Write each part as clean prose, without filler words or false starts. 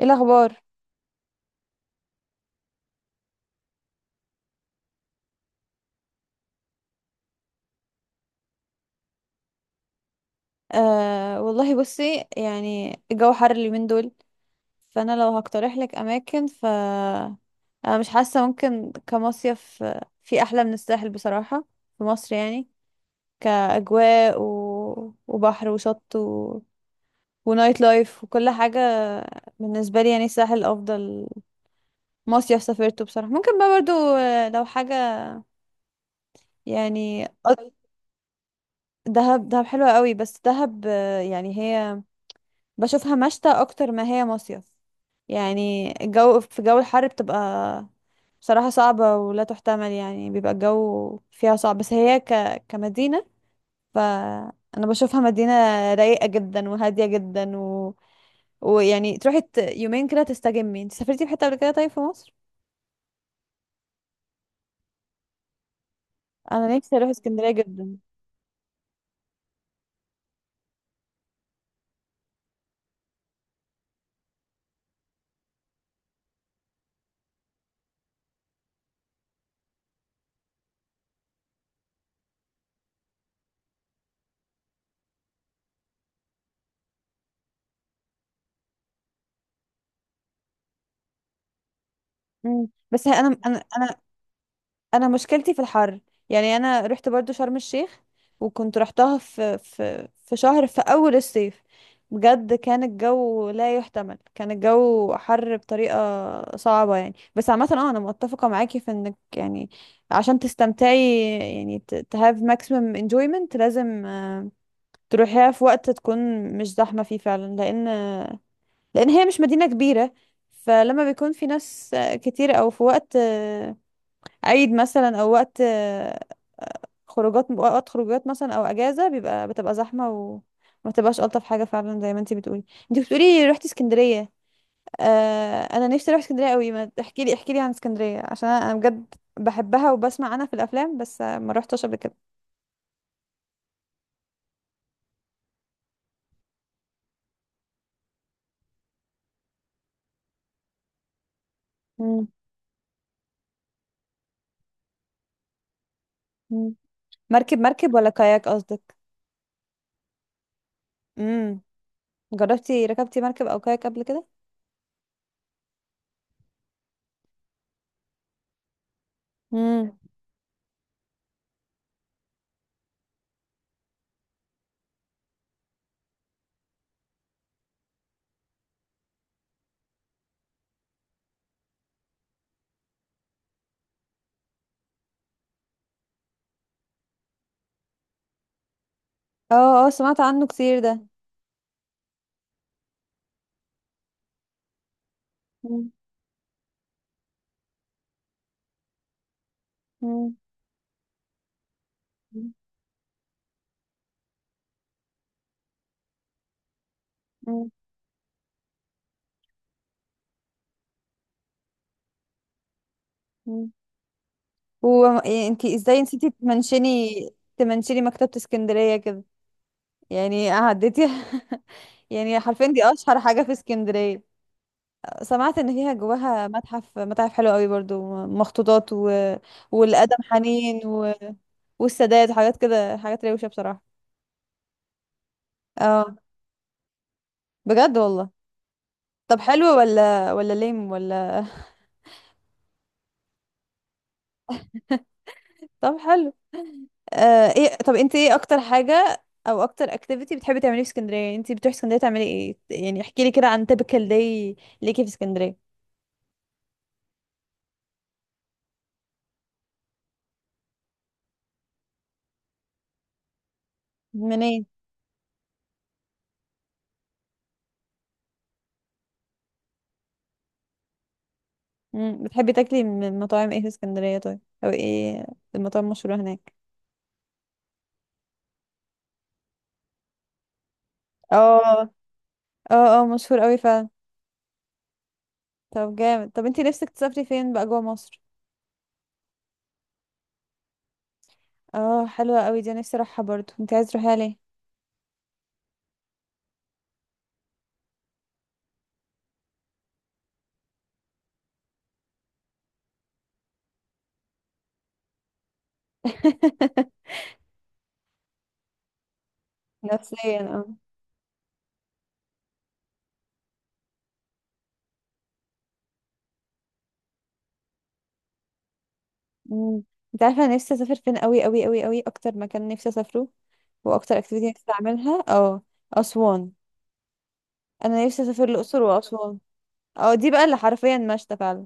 ايه الاخبار؟ والله بصي، يعني الجو حر اليومين دول. فانا لو هقترح لك اماكن ف انا مش حاسه ممكن كمصيف، في احلى من الساحل بصراحه، في مصر يعني. كاجواء وبحر وشط ونايت لايف وكل حاجه. بالنسبه لي يعني الساحل افضل مصيف سافرته بصراحه. ممكن بقى برضو، لو حاجه يعني، آه، دهب، حلوه قوي، بس دهب يعني هي بشوفها مشتى اكتر ما هي مصيف. يعني الجو، في جو الحر بتبقى بصراحة صعبة ولا تحتمل، يعني بيبقى الجو فيها صعب، بس هي كمدينة، فأنا بشوفها مدينة رايقة جدا وهادية جدا ويعني تروحي يومين كده تستجمي. انت سافرتي في حتة قبل كده طيب في مصر؟ أنا نفسي أروح اسكندرية جدا. أنا انا مشكلتي في الحر، يعني انا رحت برضو شرم الشيخ، وكنت رحتها في شهر في اول الصيف. بجد كان الجو لا يحتمل، كان الجو حر بطريقة صعبة يعني. بس عامة اه انا متفقة معاكي في انك يعني عشان تستمتعي، يعني ت to have maximum enjoyment، لازم تروحيها في وقت تكون مش زحمة فيه فعلا، لان هي مش مدينة كبيرة. فلما بيكون في ناس كتير، او في وقت عيد مثلا، او وقت خروجات، وقت خروجات مثلا او اجازه، بتبقى زحمه وما تبقاش الطف حاجه فعلا، زي ما انتي بتقولي. رحتي اسكندريه. انا نفسي اروح اسكندريه قوي. ما تحكي لي احكي لي عن اسكندريه، عشان أنا بجد بحبها وبسمع عنها في الافلام، بس ما روحتش قبل كده. مم. مم. مركب، ولا كاياك قصدك؟ امم، جربتي ركبتي مركب او كاياك قبل كده؟ امم. اه اه، سمعت عنه كتير ده. مم. مم. مم. مم. هو انت ازاي نسيتي تمنشني، مكتبة اسكندرية كده؟ يعني عديتي؟ يعني حرفيا دي اشهر حاجة في اسكندرية. سمعت ان فيها جواها متحف، متاحف حلوة قوي برضو، مخطوطات والادم حنين والسادات وحاجات كده، حاجات روشة بصراحة. اه، بجد والله؟ طب حلو ولا، ولا ليم ولا؟ طب حلو. آه ايه، طب انت ايه اكتر حاجة او اكتر اكتيفيتي بتحبي تعمليه في اسكندرية؟ انت بتروحي اسكندرية تعملي ايه يعني؟ احكي لي كده عن typical day ليكي في اسكندرية. منين؟ بتحبي تاكلي من مطاعم ايه في اسكندرية طيب؟ او ايه المطاعم المشهورة هناك؟ اه، اه مشهور قوي فعلا. طب جامد. طب انت نفسك تسافري فين بقى جوه مصر؟ اه حلوة قوي دي، أنا نفسي اروحها برضو. انت عايز تروحيها ليه؟ نفسيا، اه. مم. انت عارفة انا نفسي اسافر فين قوي قوي قوي قوي؟ اكتر مكان نفسي اسافره واكتر اكتيفيتي نفسي اعملها، اه، اسوان. انا نفسي اسافر الاقصر واسوان. اه دي بقى اللي حرفيا مشتى فعلا.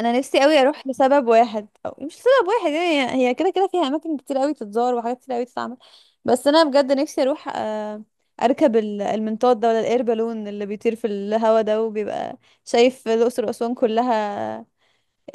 انا نفسي قوي اروح لسبب واحد او مش لسبب واحد، يعني هي كده كده فيها اماكن كتير قوي تتزار وحاجات كتير قوي تتعمل. بس انا بجد نفسي اروح اركب المنطاد ده، ولا الاير بالون اللي بيطير في الهوا ده، وبيبقى شايف الاقصر واسوان كلها،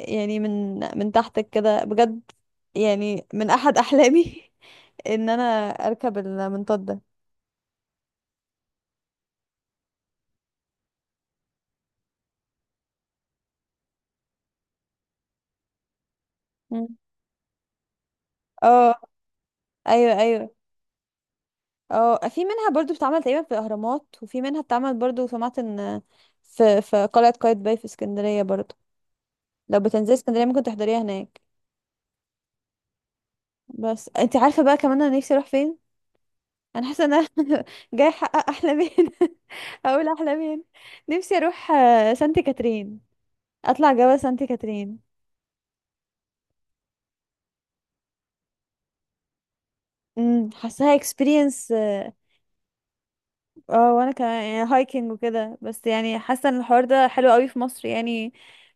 يعني من تحتك كده بجد. يعني من احد احلامي ان انا اركب المنطاد ده. مم. اه ايوه ايوه. اه، في منها برضو بتتعمل تقريبا في الاهرامات، وفي منها بتتعمل برضو، سمعت ان في قلعه قايتباي في اسكندريه برضو، لو بتنزلي اسكندريه ممكن تحضريها هناك. بس انت عارفه بقى كمان انا نفسي اروح فين؟ انا حاسه ان انا جاي احقق احلامين. اقول احلامين. نفسي اروح سانت كاترين، اطلع جبل سانت كاترين. حاساها اكسبيرينس، اه. وانا كمان يعني هايكنج وكده، بس يعني حاسه ان الحوار ده حلو قوي في مصر يعني،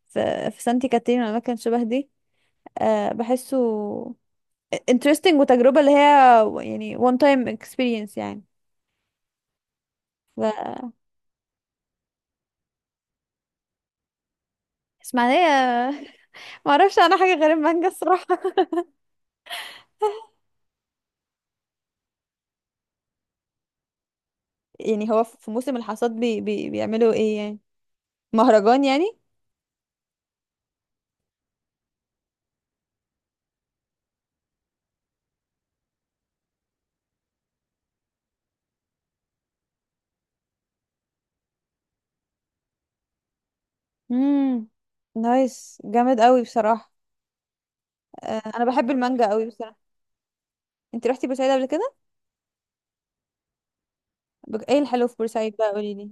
في سانتي كاترين والاماكن شبه دي. بحسه interesting، وتجربة اللي هي يعني one time experience يعني. ف اسماعيلية. ما اعرفش انا حاجة غير المانجا الصراحة. يعني هو في موسم الحصاد بي بي بيعملوا ايه يعني؟ مهرجان يعني؟ امم، نايس جامد قوي بصراحة. انا بحب المانجا قوي بصراحة. انت رحتي بورسعيد قبل كده؟ ايه الحلو في بورسعيد بقى؟ قولي لي.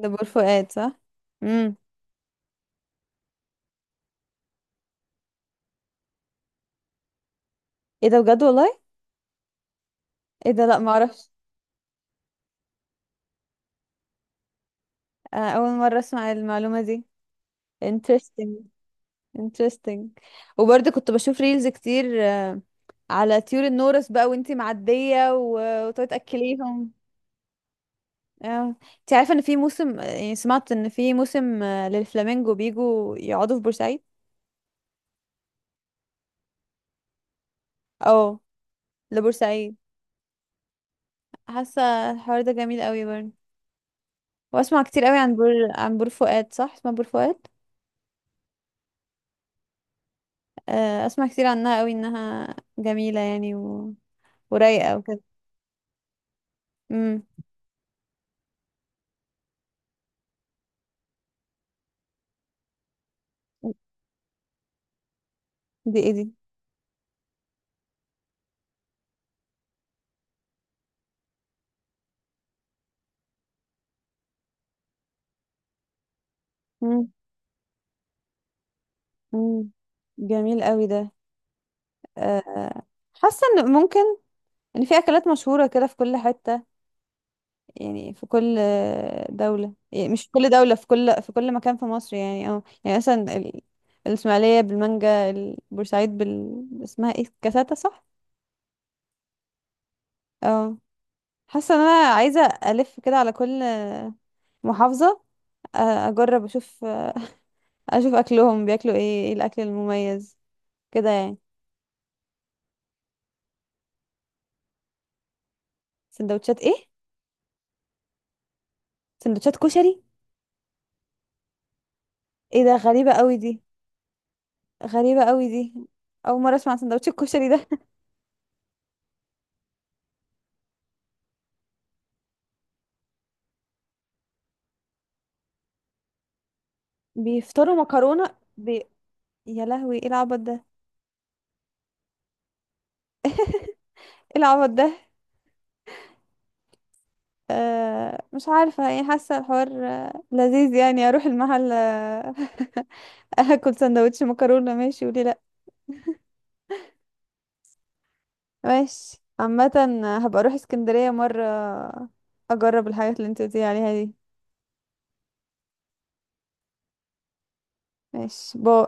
ده بور فؤاد صح؟ امم. ايه ده بجد والله؟ ايه ده، لا ما اعرفش. اول مرة اسمع المعلومة دي، interesting، interesting. وبرضه كنت بشوف ريلز كتير على طيور النورس بقى وانتي معدية، وتقعدي تأكليهم. اه. انت عارفة ان في موسم، يعني سمعت ان في موسم للفلامينجو بيجوا يقعدوا في بورسعيد؟ اه، لبورسعيد. حاسة الحوار ده جميل قوي برضه. واسمع كتير قوي عن بور، عن بور فؤاد، صح اسمها بور فؤاد؟ اسمع كتير عنها قوي انها جميلة يعني ورايقة وكده. امم. دي ايه دي؟ امم. امم، جميل قوي ده. آه، حاسة ان ممكن ان في اكلات مشهورة كده في كل حتة، يعني في كل دولة، يعني مش في كل دولة، في كل مكان في مصر يعني. اه يعني مثلا الاسماعيلية بالمانجا، البورسعيد بال، اسمها ايه، كاساتا صح؟ اه. حاسة ان انا عايزة الف كده على كل محافظة، اجرب اشوف، اكلهم بياكلوا ايه، ايه الاكل المميز كده يعني. سندوتشات ايه؟ سندوتشات كشري؟ ايه ده غريبة قوي دي. غريبة قوي دي. أول مرة أسمع عن سندوتش الكشري ده. بيفطروا مكرونة يا لهوي ايه العبط ده، ايه العبط ده. آه مش عارفة، يعني حاسة الحوار لذيذ يعني. أروح المحل أكل سندوتش مكرونة، ماشي وليه لأ، ماشي عامة. هبقى أروح اسكندرية مرة أجرب الحاجات اللي انت قلتيلي عليها دي. ماشي، باي.